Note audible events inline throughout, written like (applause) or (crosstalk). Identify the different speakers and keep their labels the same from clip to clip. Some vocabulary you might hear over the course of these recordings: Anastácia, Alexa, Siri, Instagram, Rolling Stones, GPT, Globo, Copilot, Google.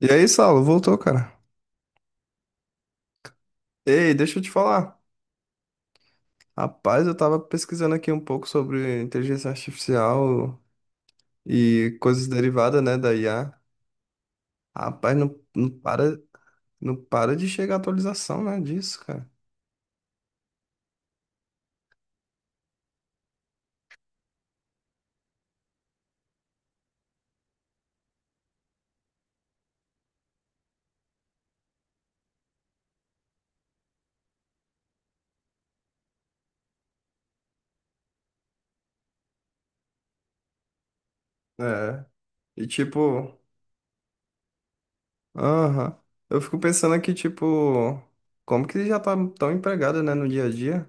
Speaker 1: E aí, Saulo, voltou, cara. Ei, deixa eu te falar. Rapaz, eu tava pesquisando aqui um pouco sobre inteligência artificial e coisas derivadas, né, da IA. Rapaz, não para de chegar atualização, né, disso, cara. É. E tipo, aham. Eu fico pensando aqui, tipo, como que já tá tão empregada, né, no dia a dia,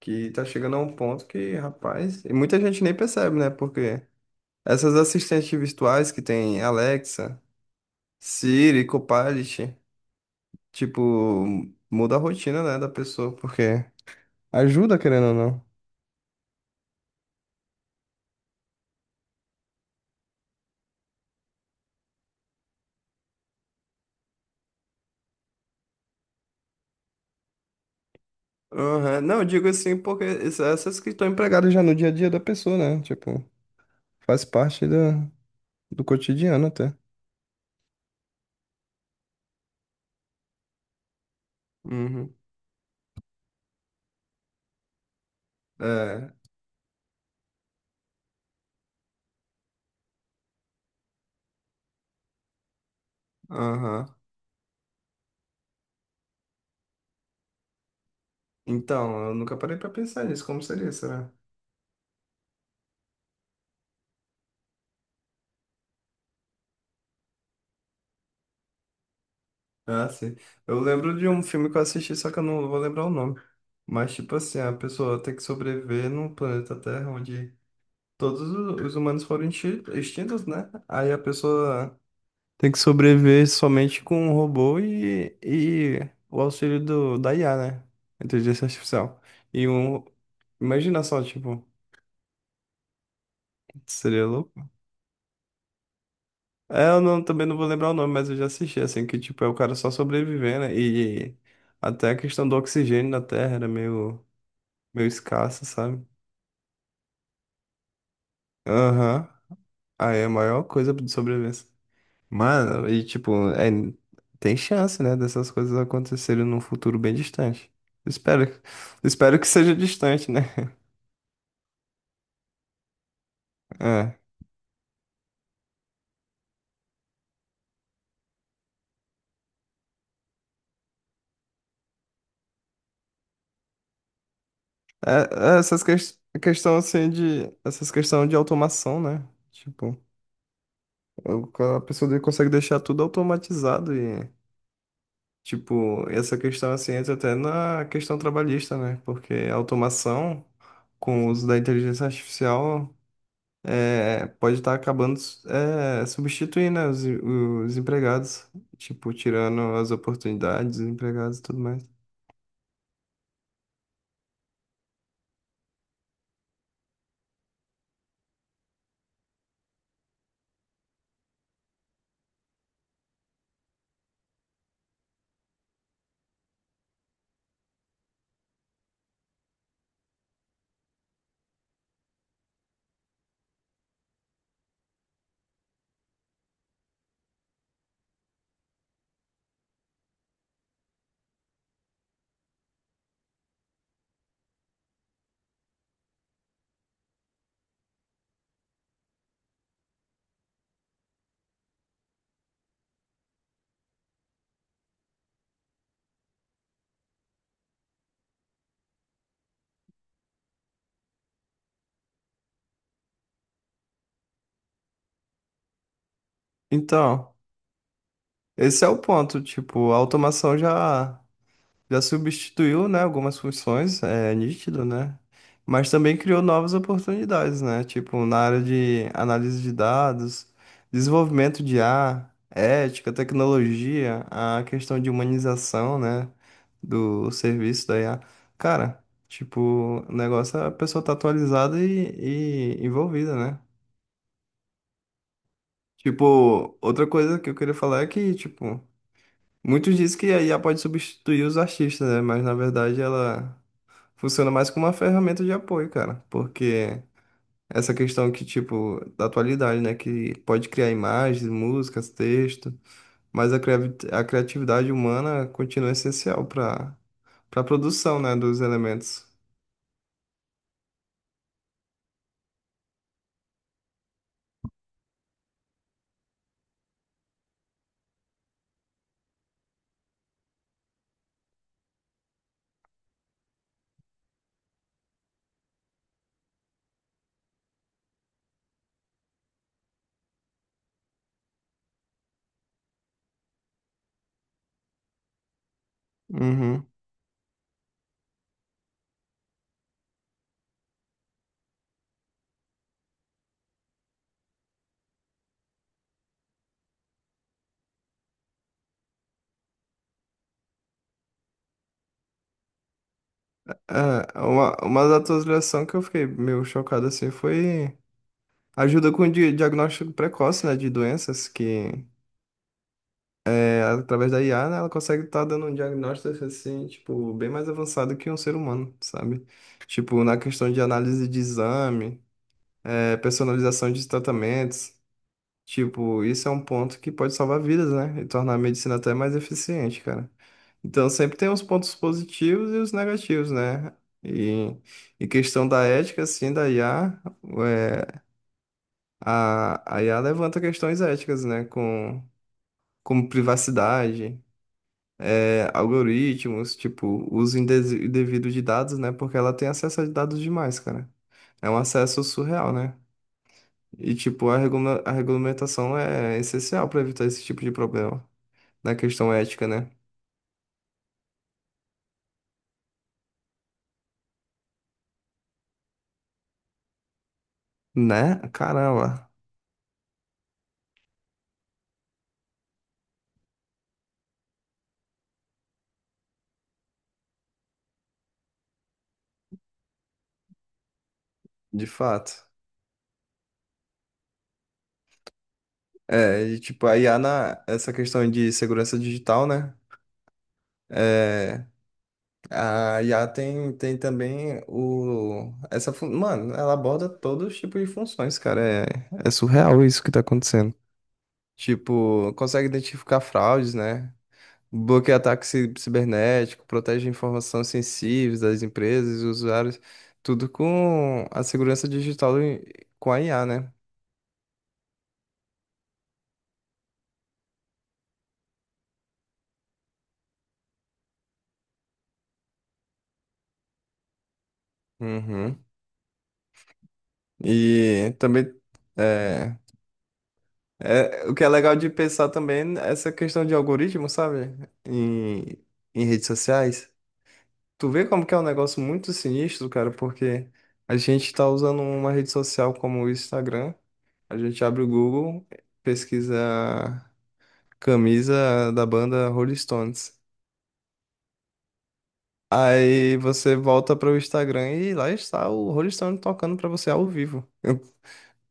Speaker 1: que tá chegando a um ponto que, rapaz, e muita gente nem percebe, né, porque essas assistentes virtuais que tem Alexa, Siri, Copilot, tipo, muda a rotina, né, da pessoa, porque ajuda, querendo ou não. Aham. Não, eu digo assim, porque essas que estão empregadas já no dia a dia da pessoa, né? Tipo, faz parte do cotidiano até. Uhum. É, aham. Então, eu nunca parei pra pensar nisso, como seria, será? Ah, sim. Eu lembro de um filme que eu assisti, só que eu não vou lembrar o nome. Mas, tipo assim, a pessoa tem que sobreviver num planeta Terra onde todos os humanos foram extintos, né? Aí a pessoa tem que sobreviver somente com um robô e o auxílio do, da IA, né? Inteligência artificial. E um. Imagina só, tipo, seria louco. É, eu não, também não vou lembrar o nome, mas eu já assisti, assim, que, tipo, é o cara só sobrevivendo, né? E até a questão do oxigênio na Terra era meio, meio escassa, sabe? Aham. Aí é a maior coisa de sobrevivência. Mano, e tipo, é, tem chance, né, dessas coisas acontecerem num futuro bem distante. Espero, (laughs) espero que seja distante, né? É. É- é essas questões questão assim de essas questão de automação, né? Tipo, a pessoa consegue deixar tudo automatizado e tipo, essa questão assim entra até na questão trabalhista, né? Porque a automação com o uso da inteligência artificial é, pode estar acabando, é, substituindo, né, os empregados, tipo, tirando as oportunidades dos empregados e tudo mais. Então, esse é o ponto, tipo, a automação já. Já substituiu, né, algumas funções, é nítido, né? Mas também criou novas oportunidades, né? Tipo, na área de análise de dados, desenvolvimento de IA, ética, tecnologia, a questão de humanização, né, do serviço da IA. Cara, tipo, o negócio é a pessoa tá atualizada e envolvida, né? Tipo, outra coisa que eu queria falar é que, tipo, muitos dizem que a IA pode substituir os artistas, né? Mas na verdade ela funciona mais como uma ferramenta de apoio, cara, porque essa questão que, tipo, da atualidade, né, que pode criar imagens, músicas, texto, mas a a criatividade humana continua essencial para a produção, né, dos elementos. Uhum. É, uma das atualizações que eu fiquei meio chocado, assim, foi ajuda com o diagnóstico precoce, né, de doenças que... É, através da IA, né, ela consegue estar dando um diagnóstico assim, tipo, bem mais avançado que um ser humano, sabe? Tipo, na questão de análise de exame, é, personalização de tratamentos, tipo, isso é um ponto que pode salvar vidas, né? E tornar a medicina até mais eficiente, cara. Então, sempre tem os pontos positivos e os negativos, né? E, e questão da ética, assim, da IA, é, a IA levanta questões éticas, né? Com, como privacidade, é, algoritmos, tipo, uso indevido de dados, né? Porque ela tem acesso a dados demais, cara. É um acesso surreal, né? E, tipo, a a regulamentação é essencial para evitar esse tipo de problema na questão ética, né? Né? Caramba, de fato. É, e, tipo, a IA na essa questão de segurança digital, né? É, a IA tem, tem também o essa mano, ela aborda todos os tipos de funções, cara. É, é surreal isso que tá acontecendo. Tipo, consegue identificar fraudes, né? Bloqueia ataque cibernético, protege informações sensíveis das empresas e usuários, tudo com a segurança digital com a IA, né? Uhum. E também é, é, o que é legal de pensar também é essa questão de algoritmo, sabe? Em, em redes sociais. Tu vê como que é um negócio muito sinistro, cara, porque a gente tá usando uma rede social como o Instagram. A gente abre o Google, pesquisa camisa da banda Rolling Stones. Aí você volta para o Instagram e lá está o Rolling Stone tocando para você ao vivo.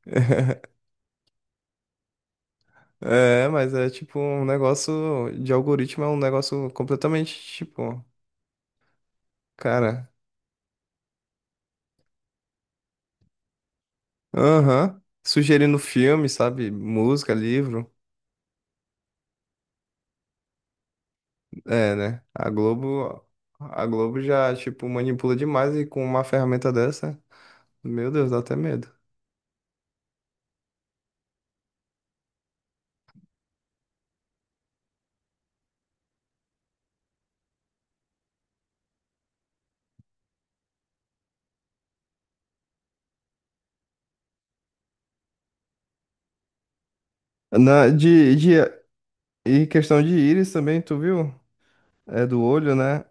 Speaker 1: (laughs) É, mas é tipo um negócio de algoritmo, é um negócio completamente tipo, cara, aham, sugerindo filme, sabe? Música, livro. É, né? A Globo já tipo manipula demais e com uma ferramenta dessa, meu Deus, dá até medo. De E questão de íris também, tu viu? É do olho, né?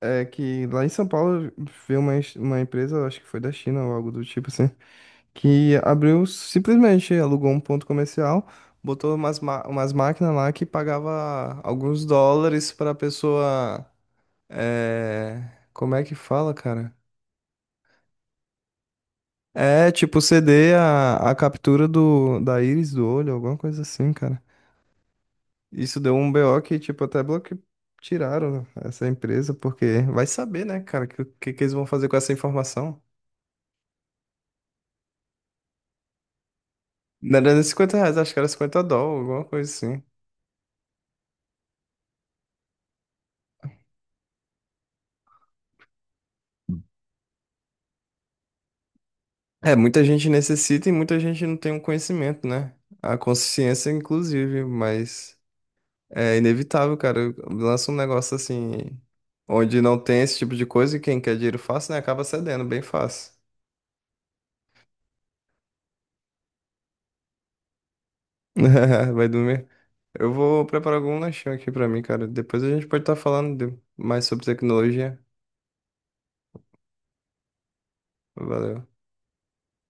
Speaker 1: É que lá em São Paulo veio uma, uma empresa, acho que foi da China ou algo do tipo assim, que abriu simplesmente, alugou um ponto comercial, botou umas, umas máquinas lá que pagava alguns dólares pra pessoa. É... Como é que fala, cara? É tipo ceder a captura do, da íris do olho, alguma coisa assim, cara. Isso deu um BO que, tipo, até bloque... tiraram essa empresa, porque vai saber, né, cara, o que, que eles vão fazer com essa informação. Não era nem 50 reais, acho que era 50 dólares, alguma coisa assim. É, muita gente necessita e muita gente não tem um conhecimento, né? A consciência, inclusive, mas é inevitável, cara. Lança um negócio assim, onde não tem esse tipo de coisa e quem quer dinheiro fácil, né, acaba cedendo bem fácil. (laughs) Vai dormir. Eu vou preparar algum lanchão aqui pra mim, cara. Depois a gente pode estar falando mais sobre tecnologia. Valeu.